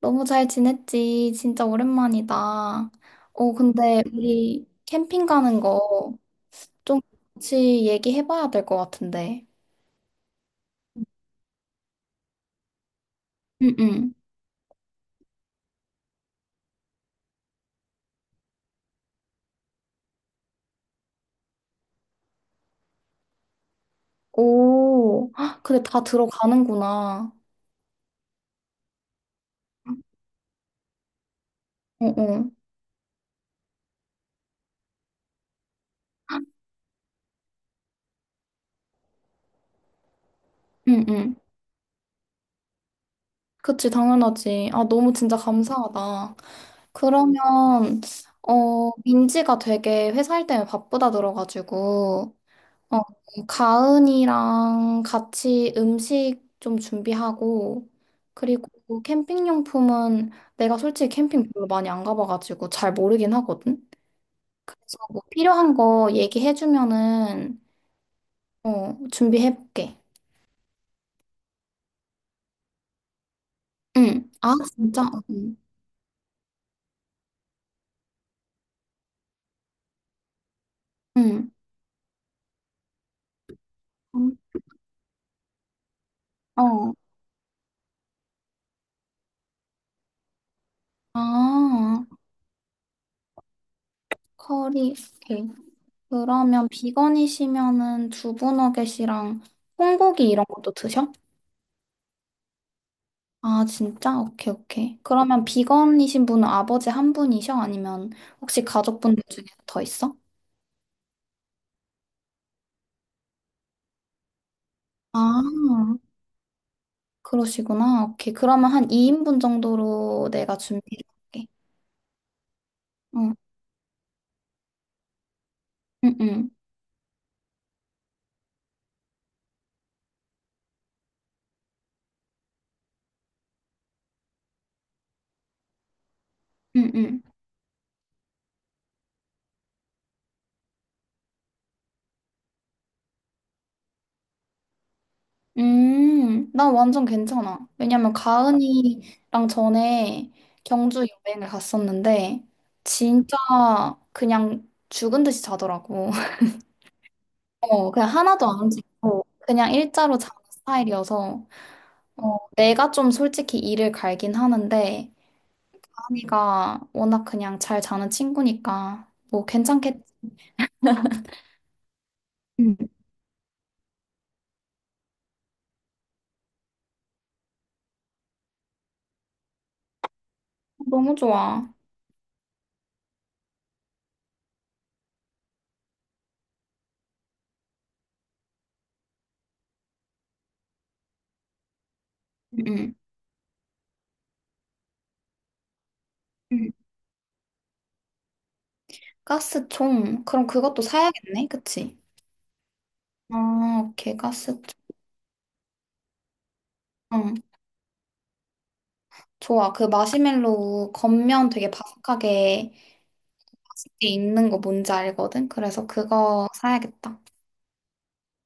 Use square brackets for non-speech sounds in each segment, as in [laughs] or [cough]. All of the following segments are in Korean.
너무 잘 지냈지? 진짜 오랜만이다. 어, 근데 우리 캠핑 가는 거 좀 같이 얘기해봐야 될 것 같은데. 응응. 오, 헉, 근데 다 들어가는구나. 어어. 응응. 그치, 당연하지. 아, 너무 진짜 감사하다. 그러면, 어, 민지가 되게 회사일 때문에 바쁘다 들어가지고, 어, 가은이랑 같이 음식 좀 준비하고, 그리고 캠핑용품은 내가 솔직히 캠핑 별로 많이 안 가봐가지고 잘 모르긴 하거든? 그래서 뭐 필요한 거 얘기해주면은, 어, 준비해볼게. 응. 아, 진짜? 어, 응. 응. 음, 어. 아, 커리. 오케이. 그러면 비건이시면은 두부너겟이랑 콩고기 이런 것도 드셔? 아, 진짜? 오케이, 오케이. 그러면 비건이신 분은 아버지 한 분이셔? 아니면 혹시 가족분들 중에 더 있어? 아, 그러시구나. 오케이. 그러면 한 2인분 정도로 내가 준비를 할게. 어, 응, 응, 응, 응. 나 완전 괜찮아. 왜냐면 가은이랑 전에 경주 여행을 갔었는데, 진짜 그냥 죽은 듯이 자더라고. [laughs] 어, 그냥 하나도 안 움직이고, 그냥 일자로 자는 스타일이어서, 어, 내가 좀 솔직히 일을 갈긴 하는데, 아미가 워낙 그냥 잘 자는 친구니까, 뭐 괜찮겠지. 응, 너무 좋아. 응. 응. 응. 가스총. 그럼 그것도 사야겠네, 그치? 아, 오케이, 가스총. 응. 좋아. 그 마시멜로우 겉면 되게 바삭하게 맛있게 익는 거 뭔지 알거든? 그래서 그거 사야겠다.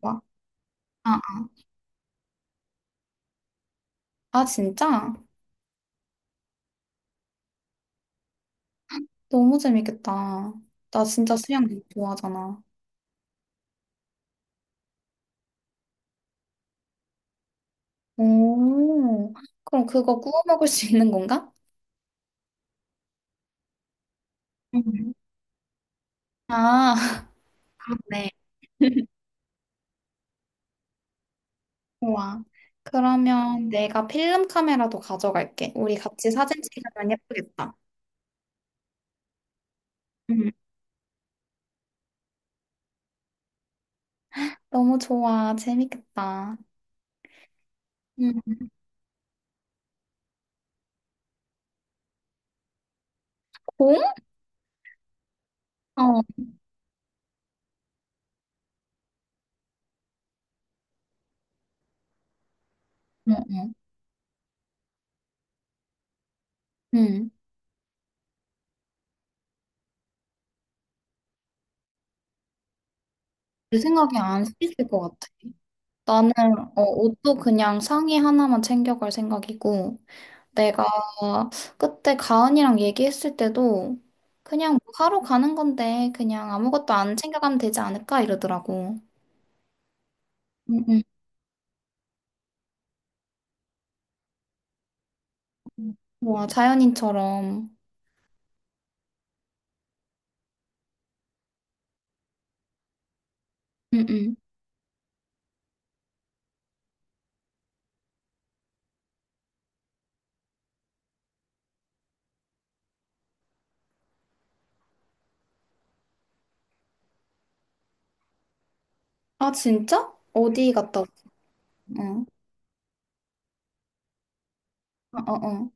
좋아. 아, 아, 진짜? 너무 재밌겠다. 나 진짜 수영 되게 좋아하잖아. 오, 그럼 그거 구워 먹을 수 있는 건가? 음. 아, [laughs] 그렇네. 좋아. 그러면 내가 필름 카메라도 가져갈게. 우리 같이 사진 찍으면 예쁘겠다. 음. 너무 좋아. 재밌겠다. 음. 공? 어, 어, 어. 응. 내 생각에 안 쓰실 것 같아. 나는 어, 옷도 그냥 상의 하나만 챙겨갈 생각이고, 내가 그때 가은이랑 얘기했을 때도 그냥 뭐 하러 가는 건데 그냥 아무것도 안 챙겨가면 되지 않을까 이러더라고. 응응. 와, 자연인처럼. 응응. 아, 진짜? 어디 갔다 왔어? 응. 어, 어, 어.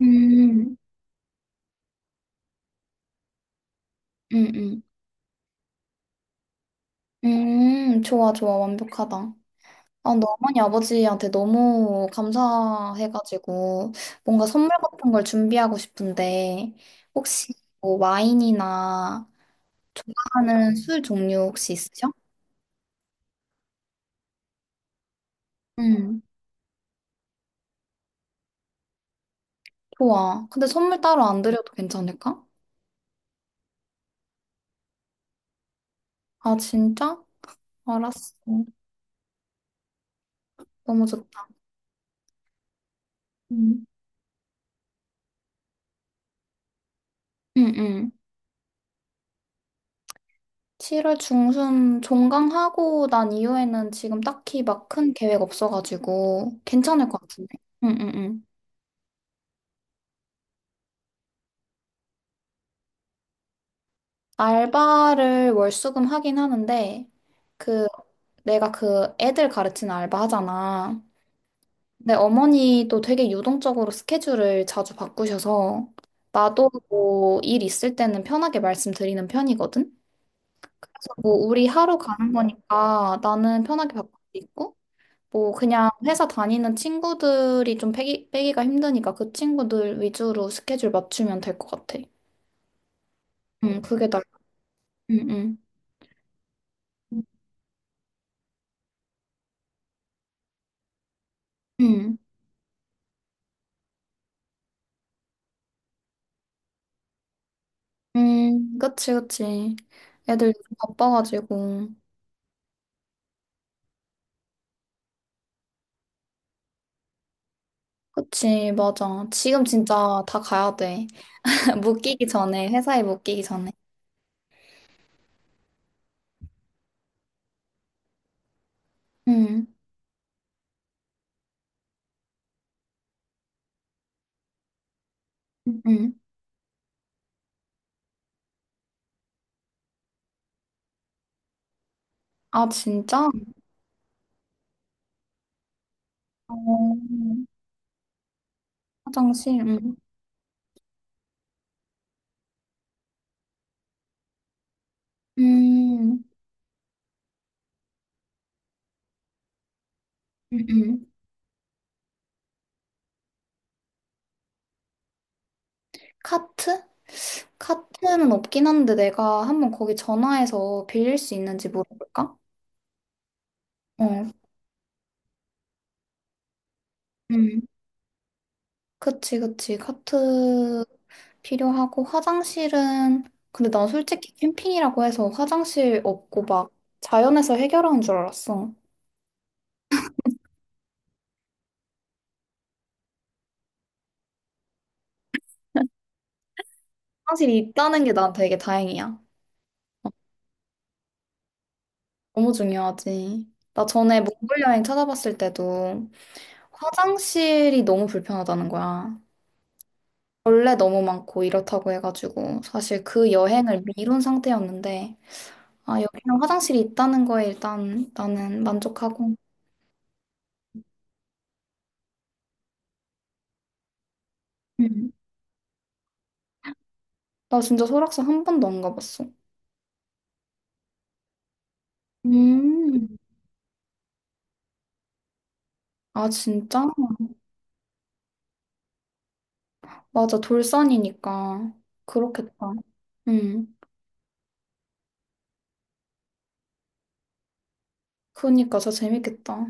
음, 음, 음. 좋아, 좋아. 완벽하다. 아, 너 어머니 아버지한테 너무 감사해가지고 뭔가 선물 같은 걸 준비하고 싶은데 혹시 뭐 와인이나 좋아하는 술 종류 혹시 있으셔? 응, 좋아. 근데 선물 따로 안 드려도 괜찮을까? 아, 진짜? 알았어. 너무 좋다. 응 응, 응. 7월 중순 종강하고 난 이후에는 지금 딱히 막 큰 계획 없어가지고 괜찮을 것 같은데. 응, 응, 응. 알바를 월수금 하긴 하는데 그 내가 그 애들 가르치는 알바 하잖아. 네, 어머니도 되게 유동적으로 스케줄을 자주 바꾸셔서 나도 뭐 일 있을 때는 편하게 말씀드리는 편이거든. 그래서 뭐 우리 하루 가는 거니까 나는 편하게 바꿀 수 있고 뭐 그냥 회사 다니는 친구들이 좀 빼기가 힘드니까 그 친구들 위주로 스케줄 맞추면 될 것 같아. 응, 그게 나 응, 응. 응, 응, 그치, 그치. 애들 요즘 바빠가지고. 그치, 맞아. 지금 진짜 다 가야 돼. 못 끼기 전에, 회사에 못 끼기 전에. 음, 음. 아, 진짜? 어, 화장실, 음, 음, 음. 카트? 카트는 없긴 한데 내가 한번 거기 전화해서 빌릴 수 있는지 물어볼까? 어, 음. 그치, 그치. 카트 필요하고 화장실은, 근데 난 솔직히 캠핑이라고 해서 화장실 없고 막 자연에서 해결하는 줄 알았어. 화장실이 있다는 게 난 되게 다행이야. 너무 중요하지. 나 전에 몽골 여행 찾아봤을 때도 화장실이 너무 불편하다는 거야. 벌레 너무 많고 이렇다고 해가지고 사실 그 여행을 미룬 상태였는데 아 여기는 화장실이 있다는 거에 일단 나는 만족하고 음. 나 진짜 설악산 한 번도 안 가봤어. 음. 아 진짜? 맞아 돌산이니까 그렇겠다. 음. 그니까 진짜 재밌겠다.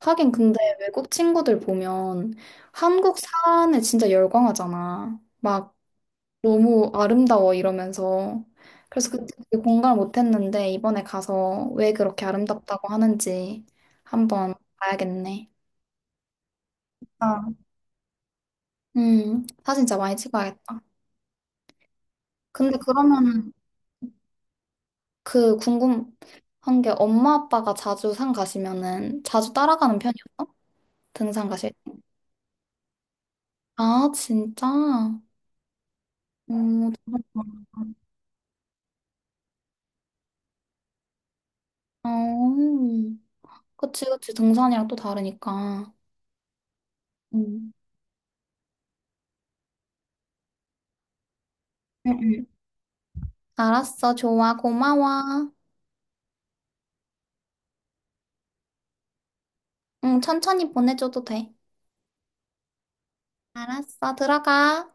하긴 근데 외국 친구들 보면 한국 산에 진짜 열광하잖아. 막 너무 아름다워 이러면서. 그래서 그때 되게 공감을 못했는데 이번에 가서 왜 그렇게 아름답다고 하는지 한번 봐야겠네. 아, 사진 진짜 많이 찍어야겠다. 근데 그러면은 그 궁금한 게 엄마 아빠가 자주 산 가시면은 자주 따라가는 편이었어? 등산 가실? 때? 아, 진짜? 어, 다르구나. 어, 그치, 그치. 등산이랑 또 다르니까. 응. 응, 응. 알았어. 좋아. 고마워. 응, 천천히 보내줘도 돼. 알았어. 들어가.